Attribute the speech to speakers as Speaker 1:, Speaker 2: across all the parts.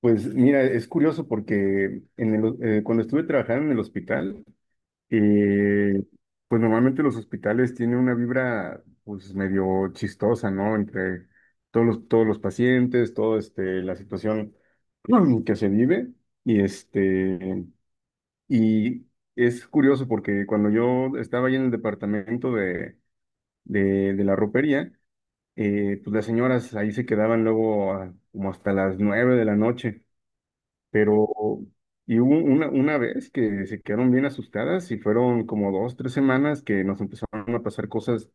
Speaker 1: Pues mira, es curioso porque cuando estuve trabajando en el hospital, eh, pues normalmente los hospitales tienen una vibra pues medio chistosa, ¿no? Entre todos los pacientes, toda la situación que se vive. Y, este, y es curioso porque cuando yo estaba ahí en el departamento de la ropería, pues las señoras ahí se quedaban luego como hasta las 9 de la noche, pero y hubo una vez que se quedaron bien asustadas y fueron como 2, 3 semanas que nos empezaron a pasar cosas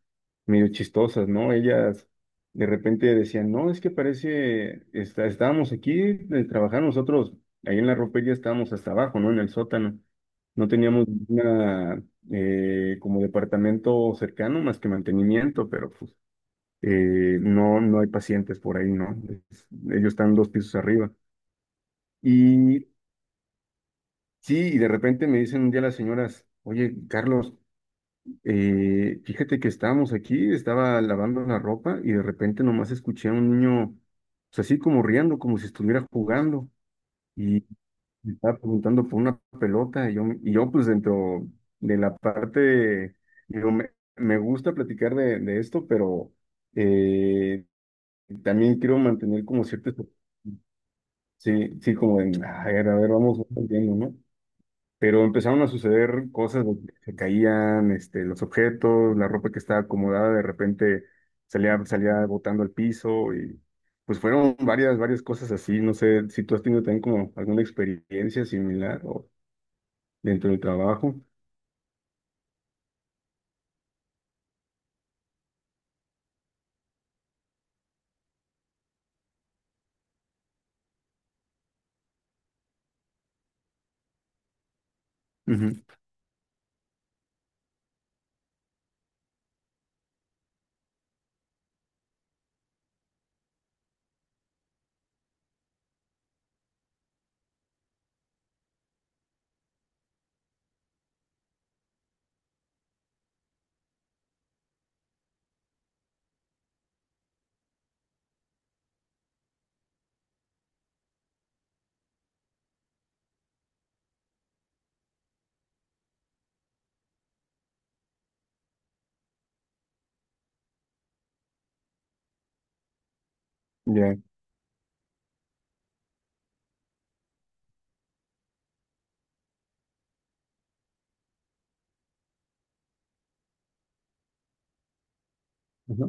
Speaker 1: medio chistosas, ¿no? Ellas de repente decían, no, es que parece, estábamos aquí trabajando nosotros, ahí en la ropería estábamos hasta abajo, ¿no? En el sótano. No teníamos una, como departamento cercano más que mantenimiento, pero pues no, no hay pacientes por ahí, ¿no? Ellos están 2 pisos arriba. Y Sí, y de repente me dicen un día las señoras, oye, Carlos, fíjate que estábamos aquí, estaba lavando la ropa y de repente nomás escuché a un niño, pues así como riendo, como si estuviera jugando y me estaba preguntando por una pelota yo pues dentro de la parte, digo, me gusta platicar de esto, pero eh, también quiero mantener como cierto, sí, sí, como de, a ver, vamos entendiendo, ¿no? Pero empezaron a suceder cosas donde se caían, los objetos, la ropa que estaba acomodada de repente salía botando al piso y pues fueron varias, varias cosas así. No sé si tú has tenido también como alguna experiencia similar o dentro del trabajo. Ujú. Ya. Ajá.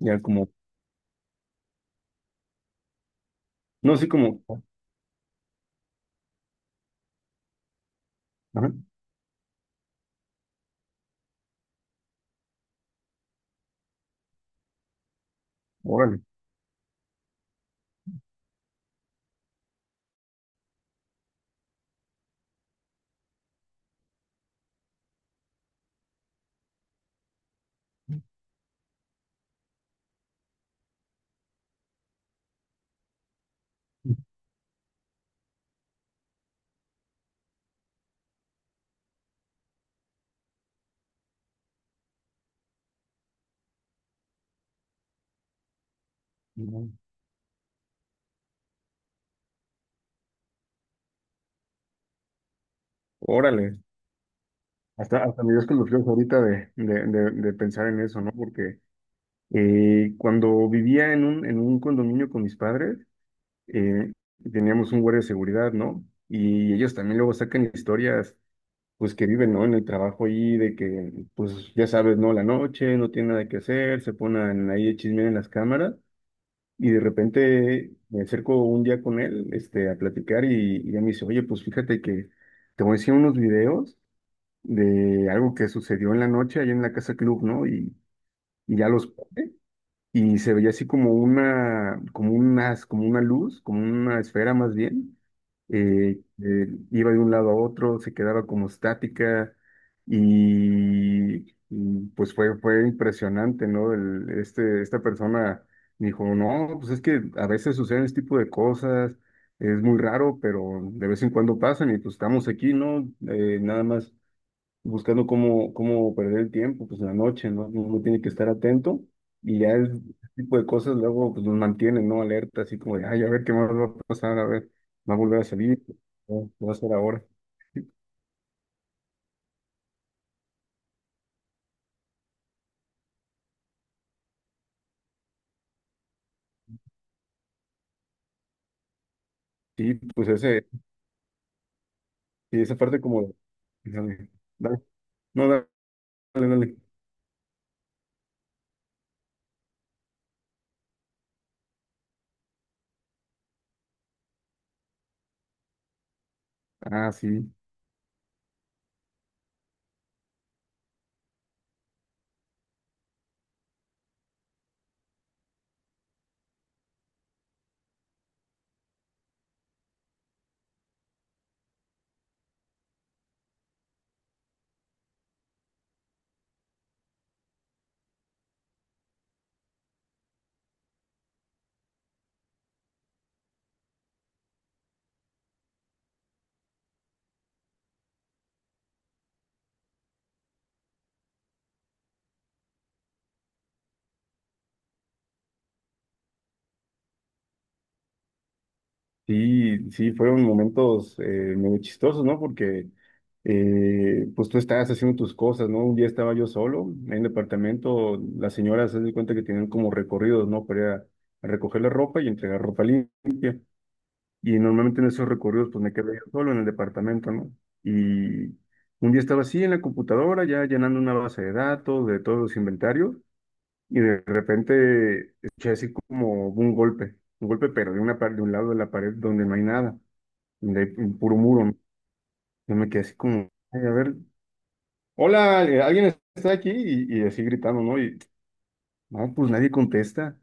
Speaker 1: Ya como, no. Sí como, ajá. Órale. Ujú. Órale. Hasta me dio escalofríos ahorita de pensar en eso, ¿no? Porque cuando vivía en un condominio con mis padres, eh, teníamos un guardia de seguridad, ¿no? Y ellos también luego sacan historias, pues que viven, ¿no? En el trabajo ahí, de que, pues ya sabes, ¿no? La noche, no tiene nada que hacer, se ponen ahí a chismear en las cámaras. Y de repente me acerco un día con él, a platicar y ya me dice, oye, pues fíjate que te voy a enseñar unos videos de algo que sucedió en la noche allá en la casa club, ¿no? Y ya los pone, y se veía así como una, como unas, como una luz, como una esfera más bien, iba de un lado a otro, se quedaba como estática pues fue impresionante, ¿no? Esta persona me dijo, no, pues es que a veces suceden este tipo de cosas, es muy raro, pero de vez en cuando pasan y pues estamos aquí, ¿no? Nada más buscando cómo perder el tiempo, pues en la noche, ¿no? Uno tiene que estar atento y ya ese tipo de cosas luego pues nos mantienen, ¿no? Alerta, así como de, ay, a ver qué más va a pasar, a ver, va a volver a salir, ¿no? ¿Qué va a hacer ahora? Sí, pues ese, sí, esa parte como, dale, dale. No, dale, dale. Ah, sí. Sí, sí, fueron momentos medio chistosos, ¿no? Porque pues tú estabas haciendo tus cosas, ¿no? Un día estaba yo solo en el departamento, las señoras se dan cuenta que tienen como recorridos, ¿no? Para ir a recoger la ropa y entregar ropa limpia. Y normalmente en esos recorridos pues me quedé yo solo en el departamento, ¿no? Y un día estaba así en la computadora, ya llenando una base de datos de todos los inventarios, y de repente escuché así como un golpe pero de un lado de la pared donde no hay nada. Y de ahí, un puro muro, ¿no? Yo me quedé así como: "Ay, a ver, hola, alguien está aquí", y así gritando, ¿no? Y no, pues nadie contesta.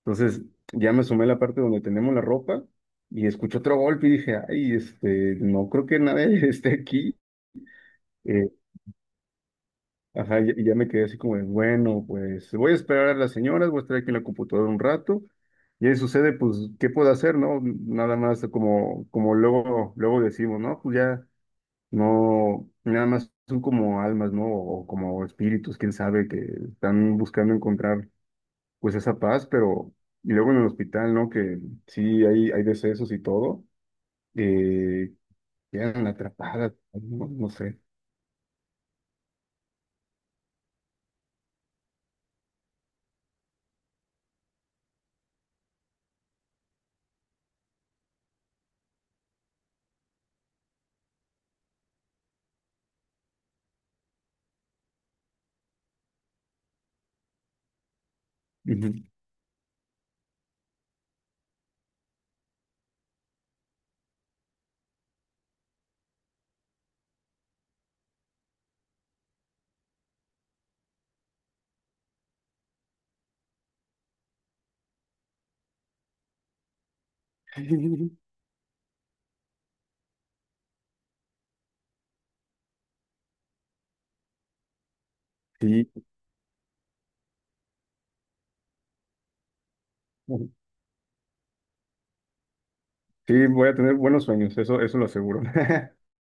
Speaker 1: Entonces ya me asomé a la parte donde tenemos la ropa y escuché otro golpe y dije, ay, no creo que nadie esté aquí. Eh, ajá, y ya me quedé así como, de, bueno, pues voy a esperar a las señoras, voy a estar aquí en la computadora un rato. Y ahí sucede, pues ¿qué puedo hacer, no? Nada más como, como luego, luego decimos, ¿no? Pues ya. No, nada más son como almas, ¿no? O como espíritus, quién sabe, que están buscando encontrar pues esa paz, pero y luego en el hospital, ¿no? Que sí hay decesos y todo, eh, quedan atrapadas, no, no sé. Ujú. Sí, sí, voy a tener buenos sueños, eso lo aseguro.